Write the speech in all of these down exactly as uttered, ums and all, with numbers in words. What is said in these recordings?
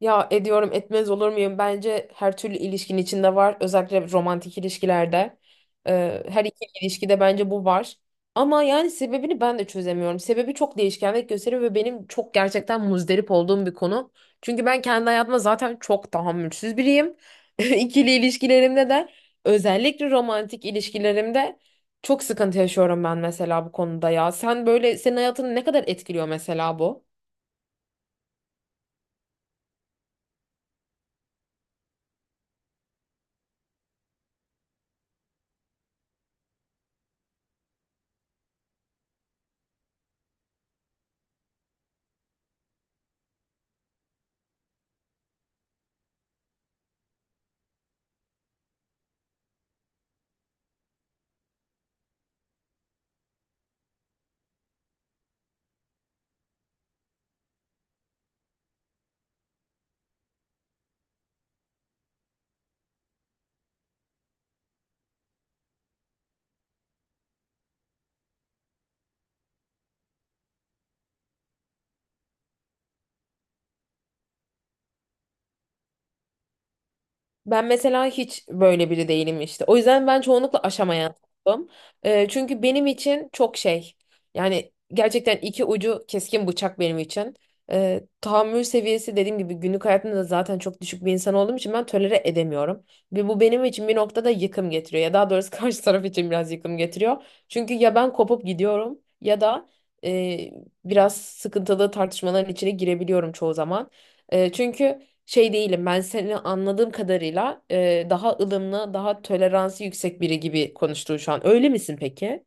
Ya ediyorum etmez olur muyum? Bence her türlü ilişkinin içinde var. Özellikle romantik ilişkilerde. Ee, her iki ilişkide bence bu var. Ama yani sebebini ben de çözemiyorum. Sebebi çok değişkenlik gösteriyor ve benim çok gerçekten muzdarip olduğum bir konu. Çünkü ben kendi hayatıma zaten çok tahammülsüz biriyim. İkili ilişkilerimde de özellikle romantik ilişkilerimde çok sıkıntı yaşıyorum ben mesela bu konuda ya. Sen böyle senin hayatını ne kadar etkiliyor mesela bu? Ben mesela hiç böyle biri değilim işte. O yüzden ben çoğunlukla aşamayan tarafım. Ee, çünkü benim için çok şey. Yani gerçekten iki ucu keskin bıçak benim için. Ee, tahammül seviyesi dediğim gibi günlük hayatımda da zaten çok düşük bir insan olduğum için ben tolere edemiyorum. Ve bu benim için bir noktada yıkım getiriyor. Ya daha doğrusu karşı taraf için biraz yıkım getiriyor. Çünkü ya ben kopup gidiyorum ya da e, biraz sıkıntılı tartışmaların içine girebiliyorum çoğu zaman. E, çünkü şey değilim. Ben seni anladığım kadarıyla e, daha ılımlı, daha toleransı yüksek biri gibi konuştun şu an. Öyle misin peki?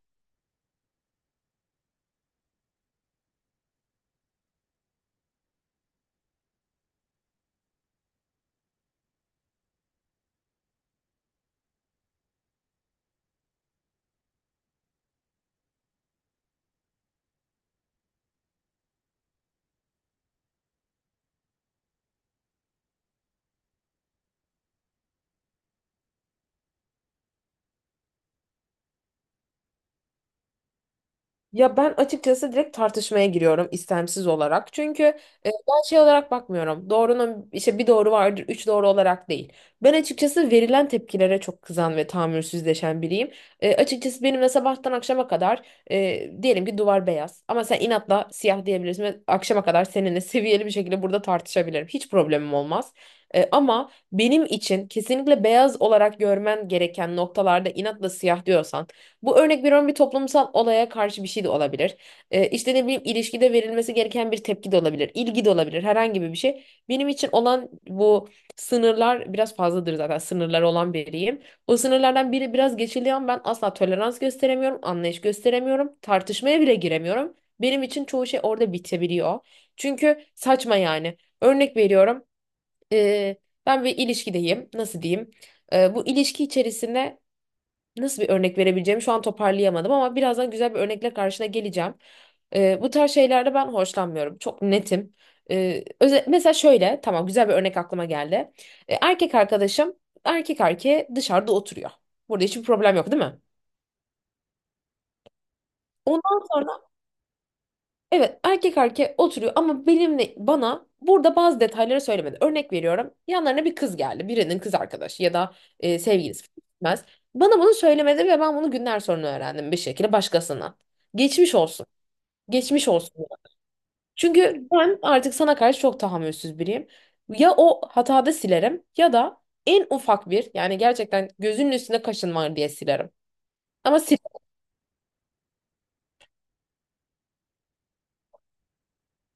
Ya ben açıkçası direkt tartışmaya giriyorum istemsiz olarak. Çünkü e, ben şey olarak bakmıyorum. Doğrunun işte bir doğru vardır, üç doğru olarak değil. Ben açıkçası verilen tepkilere çok kızan ve tahammülsüzleşen biriyim. E, açıkçası benimle sabahtan akşama kadar e, diyelim ki duvar beyaz ama sen inatla siyah diyebilirsin ve akşama kadar seninle seviyeli bir şekilde burada tartışabilirim. Hiç problemim olmaz. E, ama benim için kesinlikle beyaz olarak görmen gereken noktalarda inatla siyah diyorsan bu örnek veriyorum bir toplumsal olaya karşı bir şey de olabilir. Ee, işte ne bileyim ilişkide verilmesi gereken bir tepki de olabilir. İlgi de olabilir. Herhangi bir şey. Benim için olan bu sınırlar biraz fazladır zaten. Sınırlar olan biriyim. O sınırlardan biri biraz geçiliyor ama ben asla tolerans gösteremiyorum. Anlayış gösteremiyorum. Tartışmaya bile giremiyorum. Benim için çoğu şey orada bitebiliyor. Çünkü saçma yani. Örnek veriyorum. ee, Ben bir ilişkideyim. Nasıl diyeyim? Ee, bu ilişki içerisinde nasıl bir örnek verebileceğimi şu an toparlayamadım ama birazdan güzel bir örnekle karşına geleceğim. Ee, bu tarz şeylerde ben hoşlanmıyorum. Çok netim. Ee, öze- mesela şöyle, tamam güzel bir örnek aklıma geldi. Ee, erkek arkadaşım erkek erkeğe dışarıda oturuyor. Burada hiçbir problem yok, değil mi? Ondan evet, erkek erkeğe oturuyor ama benimle bana burada bazı detayları söylemedi. Örnek veriyorum yanlarına bir kız geldi. Birinin kız arkadaşı ya da e, sevgilisi gitmez. Bana bunu söylemedi ve ben bunu günler sonra öğrendim bir şekilde başkasına. Geçmiş olsun. Geçmiş olsun. Çünkü ben artık sana karşı çok tahammülsüz biriyim. Ya o hatada silerim ya da en ufak bir yani gerçekten gözünün üstüne kaşın var diye silerim. Ama silerim.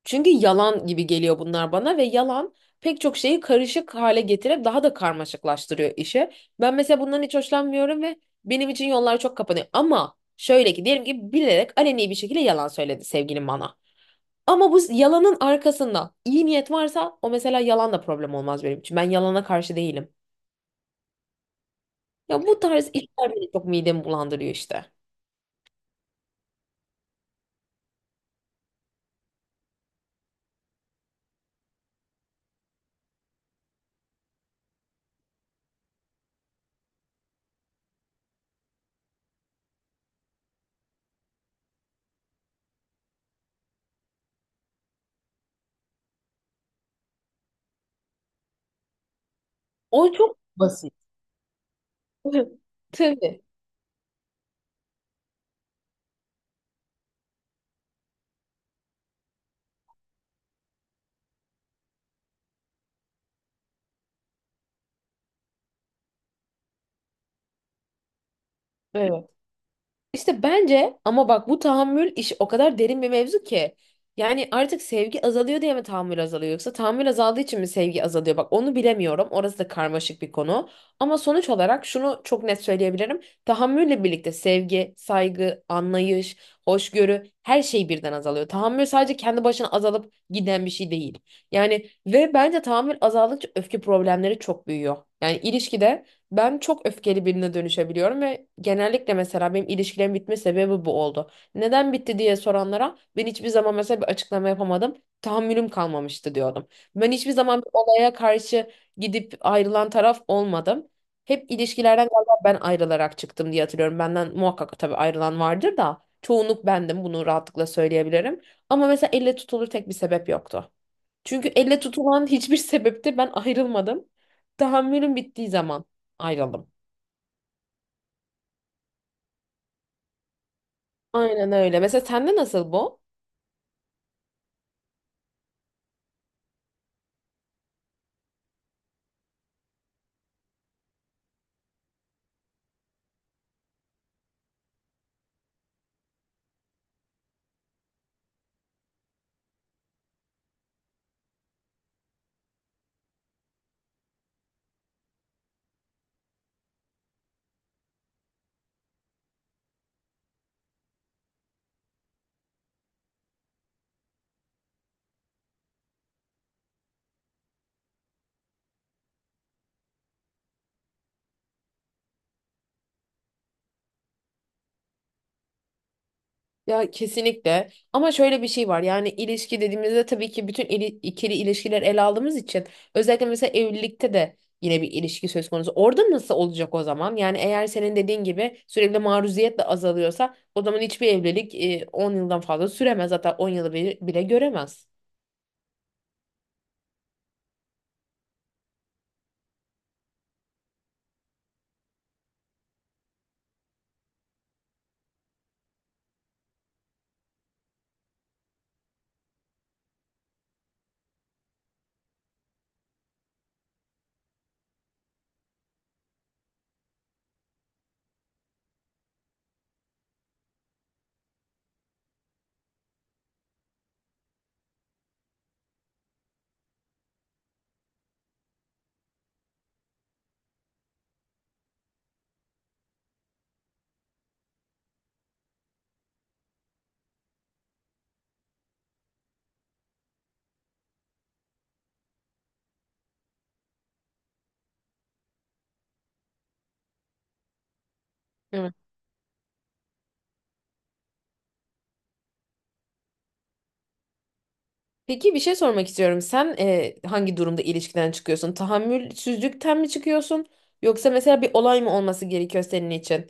Çünkü yalan gibi geliyor bunlar bana ve yalan pek çok şeyi karışık hale getirip daha da karmaşıklaştırıyor işi. Ben mesela bundan hiç hoşlanmıyorum ve benim için yollar çok kapanıyor. Ama şöyle ki diyelim ki bilerek aleni bir şekilde yalan söyledi sevgilim bana. Ama bu yalanın arkasında iyi niyet varsa o mesela yalan da problem olmaz benim için. Ben yalana karşı değilim. Ya bu tarz işler beni çok midemi bulandırıyor işte. O çok basit. Tabii. Evet. İşte bence ama bak bu tahammül iş o kadar derin bir mevzu ki. Yani artık sevgi azalıyor diye mi tahammül azalıyor yoksa tahammül azaldığı için mi sevgi azalıyor? Bak onu bilemiyorum. Orası da karmaşık bir konu. Ama sonuç olarak şunu çok net söyleyebilirim. Tahammülle birlikte sevgi, saygı, anlayış, hoşgörü her şey birden azalıyor. Tahammül sadece kendi başına azalıp giden bir şey değil. Yani ve bence tahammül azaldıkça öfke problemleri çok büyüyor. Yani ilişkide ben çok öfkeli birine dönüşebiliyorum ve genellikle mesela benim ilişkilerim bitme sebebi bu oldu. Neden bitti diye soranlara ben hiçbir zaman mesela bir açıklama yapamadım. Tahammülüm kalmamıştı diyordum. Ben hiçbir zaman bir olaya karşı gidip ayrılan taraf olmadım. Hep ilişkilerden galiba ben ayrılarak çıktım diye hatırlıyorum. Benden muhakkak tabii ayrılan vardır da çoğunluk bendim bunu rahatlıkla söyleyebilirim. Ama mesela elle tutulur tek bir sebep yoktu. Çünkü elle tutulan hiçbir sebepte ben ayrılmadım. Tahammülüm bittiği zaman ayrıldım. Aynen öyle. Mesela sende nasıl bu? Ya kesinlikle. Ama şöyle bir şey var. Yani ilişki dediğimizde tabii ki bütün ili- ikili ilişkiler ele aldığımız için özellikle mesela evlilikte de yine bir ilişki söz konusu. Orada nasıl olacak o zaman? Yani eğer senin dediğin gibi sürekli maruziyet de azalıyorsa o zaman hiçbir evlilik e, on yıldan fazla süremez. Hatta on yılı bile, bile göremez. Peki bir şey sormak istiyorum. Sen e, hangi durumda ilişkiden çıkıyorsun? Tahammülsüzlükten mi çıkıyorsun? Yoksa mesela bir olay mı olması gerekiyor senin için?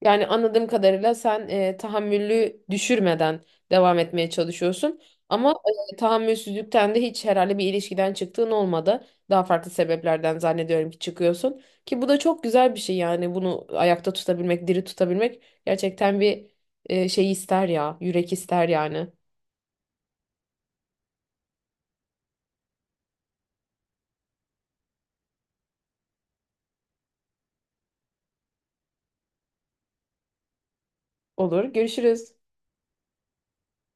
Yani anladığım kadarıyla sen e, tahammülü düşürmeden devam etmeye çalışıyorsun. Ama e, tahammülsüzlükten de hiç herhalde bir ilişkiden çıktığın olmadı. Daha farklı sebeplerden zannediyorum ki çıkıyorsun. Ki bu da çok güzel bir şey yani bunu ayakta tutabilmek, diri tutabilmek gerçekten bir e, şey ister ya, yürek ister yani. Olur, görüşürüz.